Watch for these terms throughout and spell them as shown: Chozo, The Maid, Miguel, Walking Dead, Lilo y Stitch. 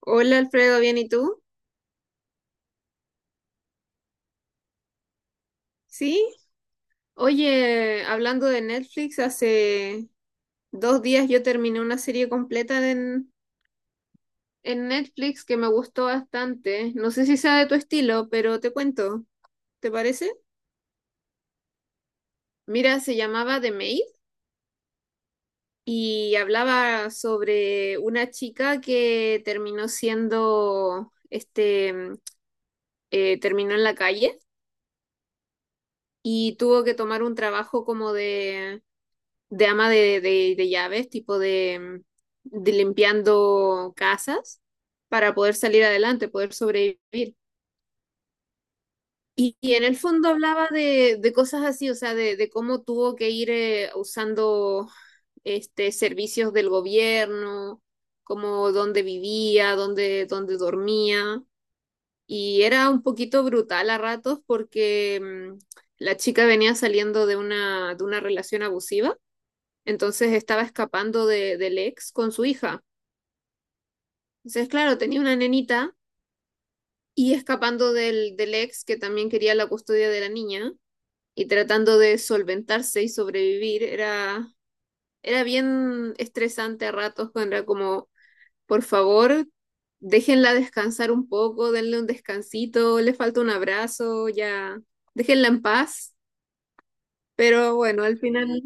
Hola Alfredo, ¿bien y tú? Sí. Oye, hablando de Netflix, hace 2 días yo terminé una serie completa en Netflix que me gustó bastante. No sé si sea de tu estilo, pero te cuento. ¿Te parece? Mira, se llamaba The Maid y hablaba sobre una chica que terminó siendo, este, terminó en la calle y tuvo que tomar un trabajo como de ama de, de llaves, tipo de, de limpiando casas para poder salir adelante, poder sobrevivir. Y en el fondo hablaba de cosas así, o sea, de cómo tuvo que ir usando este, servicios del gobierno, como dónde vivía, dónde, dónde dormía. Y era un poquito brutal a ratos porque mm, la chica venía saliendo de una relación abusiva, entonces estaba escapando de, del ex con su hija. Entonces, claro, tenía una nenita y escapando del, del ex que también quería la custodia de la niña y tratando de solventarse y sobrevivir. Era, era bien estresante a ratos cuando era como, por favor, déjenla descansar un poco, denle un descansito, le falta un abrazo, ya, déjenla en paz. Pero bueno, al final,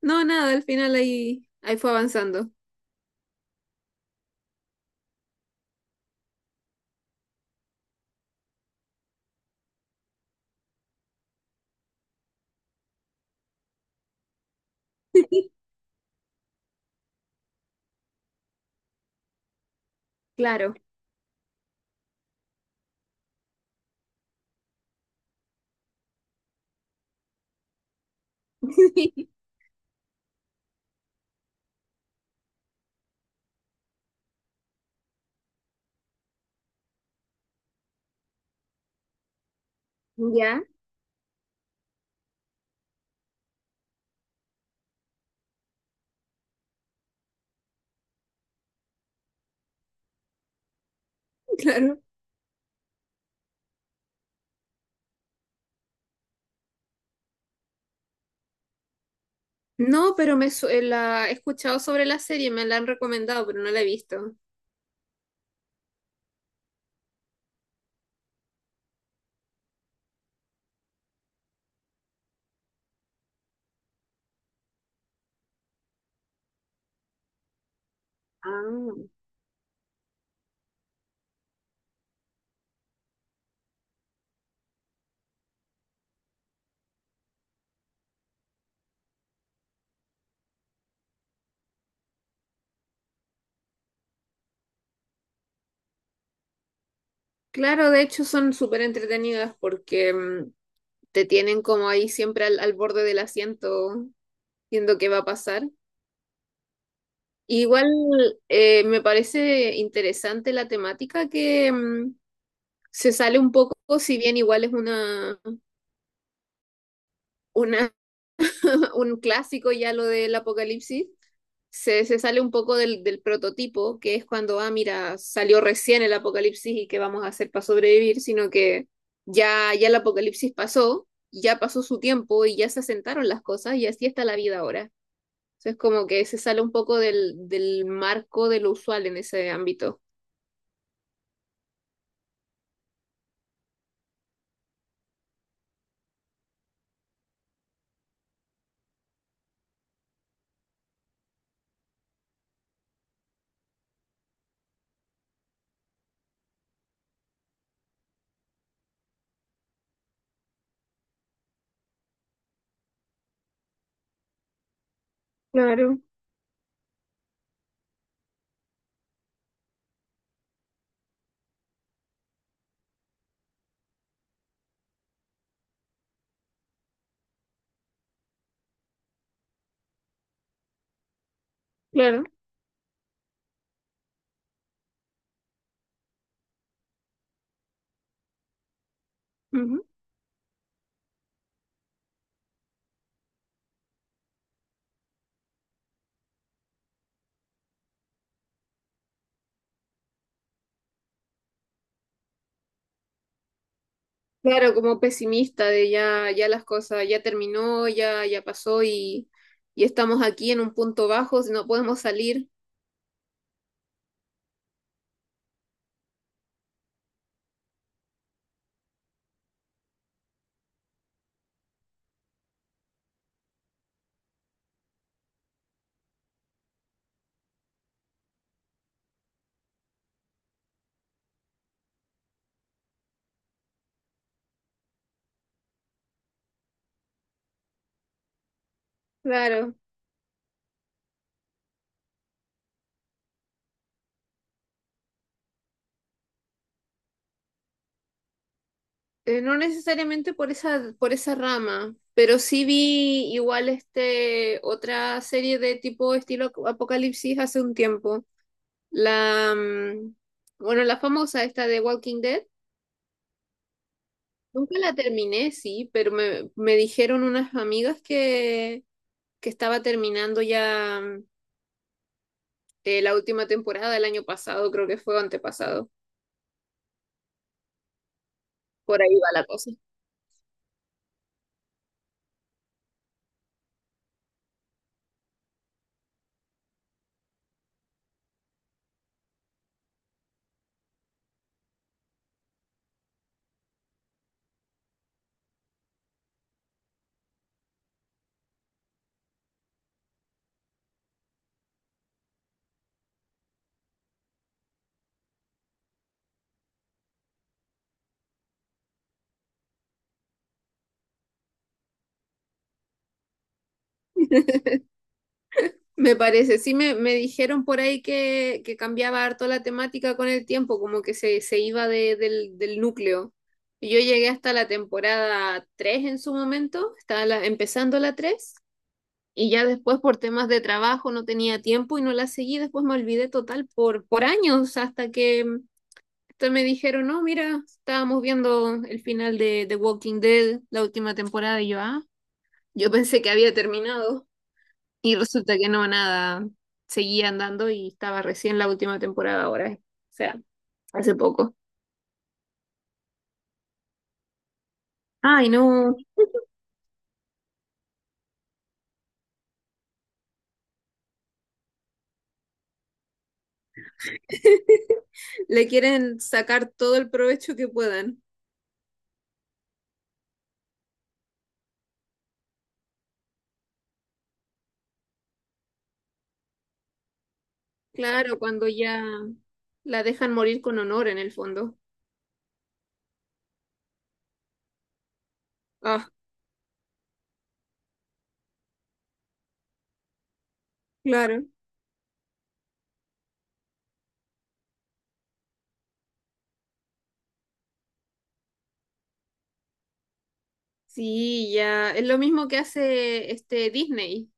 no, nada, al final ahí, ahí fue avanzando. Claro. Ya. Claro. No, pero me su- la he escuchado sobre la serie, me la han recomendado, pero no la he visto. Ah, claro, de hecho son súper entretenidas porque te tienen como ahí siempre al, al borde del asiento viendo qué va a pasar. Igual me parece interesante la temática que se sale un poco, si bien igual es una, un clásico ya lo del apocalipsis, se sale un poco del, del prototipo, que es cuando, ah, mira, salió recién el apocalipsis y qué vamos a hacer para sobrevivir, sino que ya, ya el apocalipsis pasó, ya pasó su tiempo y ya se asentaron las cosas y así está la vida ahora. Entonces, como que se sale un poco del, del marco de lo usual en ese ámbito. Claro, claro. Ujú. Claro, como pesimista de ya, ya las cosas, ya terminó, ya, ya pasó y estamos aquí en un punto bajo, no podemos salir. Claro. No necesariamente por esa rama, pero sí vi igual este otra serie de tipo estilo ap- Apocalipsis hace un tiempo. La bueno, la famosa esta de Walking Dead. Nunca la terminé, sí, pero me dijeron unas amigas que estaba terminando ya la última temporada el año pasado, creo que fue o antepasado. Por ahí va la cosa. Me parece, sí me dijeron por ahí que cambiaba harto la temática con el tiempo, como que se iba de- del, del núcleo. Yo llegué hasta la temporada 3 en su momento, estaba la- empezando la 3 y ya después por temas de trabajo no tenía tiempo y no la seguí, después me olvidé total por años, hasta que hasta me dijeron, no, mira, estábamos viendo el final de The Walking Dead, la última temporada, y yo, ah, yo pensé que había terminado. Y resulta que no, nada, seguía andando y estaba recién la última temporada ahora, eh. O sea, hace poco. Ay, no, le quieren sacar todo el provecho que puedan. Claro, cuando ya la dejan morir con honor en el fondo. Ah, claro. Sí, ya, es lo mismo que hace este Disney.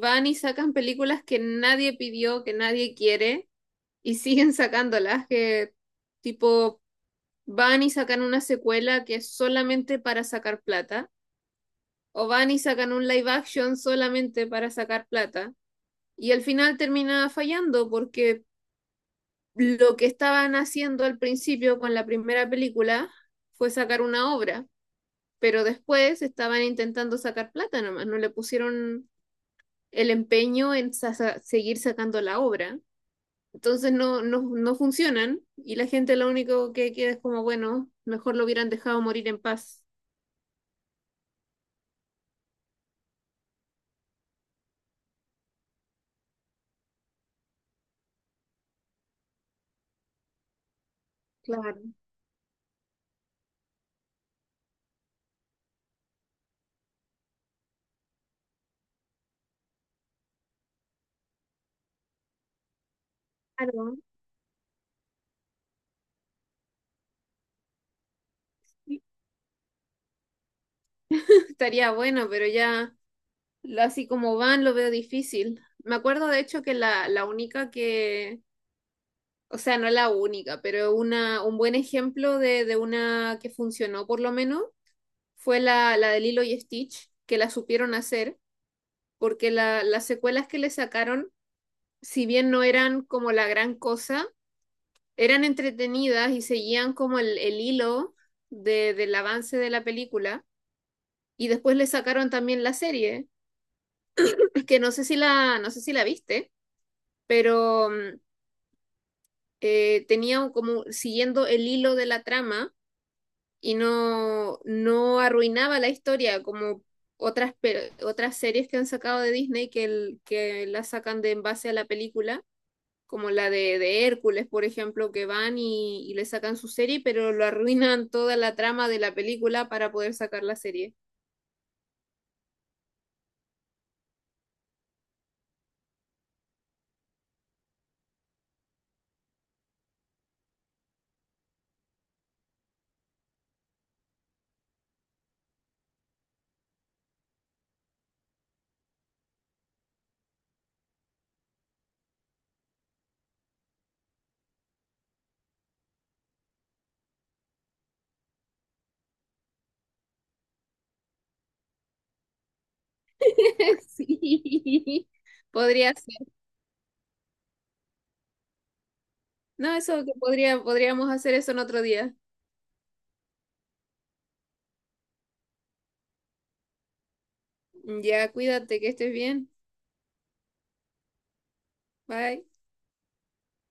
Van y sacan películas que nadie pidió, que nadie quiere, y siguen sacándolas, que tipo van y sacan una secuela que es solamente para sacar plata, o van y sacan un live action solamente para sacar plata, y al final termina fallando porque lo que estaban haciendo al principio con la primera película fue sacar una obra, pero después estaban intentando sacar plata nomás, no le pusieron el empeño en sa- seguir sacando la obra. Entonces no, no, no funcionan y la gente lo único que queda es como, bueno, mejor lo hubieran dejado morir en paz. Claro. Claro. Sí, estaría bueno, pero ya lo- así como van lo veo difícil. Me acuerdo de hecho que la única que, o sea, no la única, pero una, un buen ejemplo de una que funcionó por lo menos fue la, la de Lilo y Stitch, que la supieron hacer, porque la, las secuelas que le sacaron, si bien no eran como la gran cosa, eran entretenidas y seguían como el hilo de, del avance de la película. Y después le sacaron también la serie, que no sé si la, no sé si la viste, pero tenía un- como siguiendo el hilo de la trama y no, no arruinaba la historia como otras, pe- otras series que han sacado de Disney que, el- que la sacan de en base a la película, como la de Hércules, por ejemplo, que van y le sacan su serie, pero lo arruinan toda la trama de la película para poder sacar la serie. Sí, podría ser. No, eso que podría, podríamos hacer eso en otro día. Ya, cuídate, que estés bien. Bye.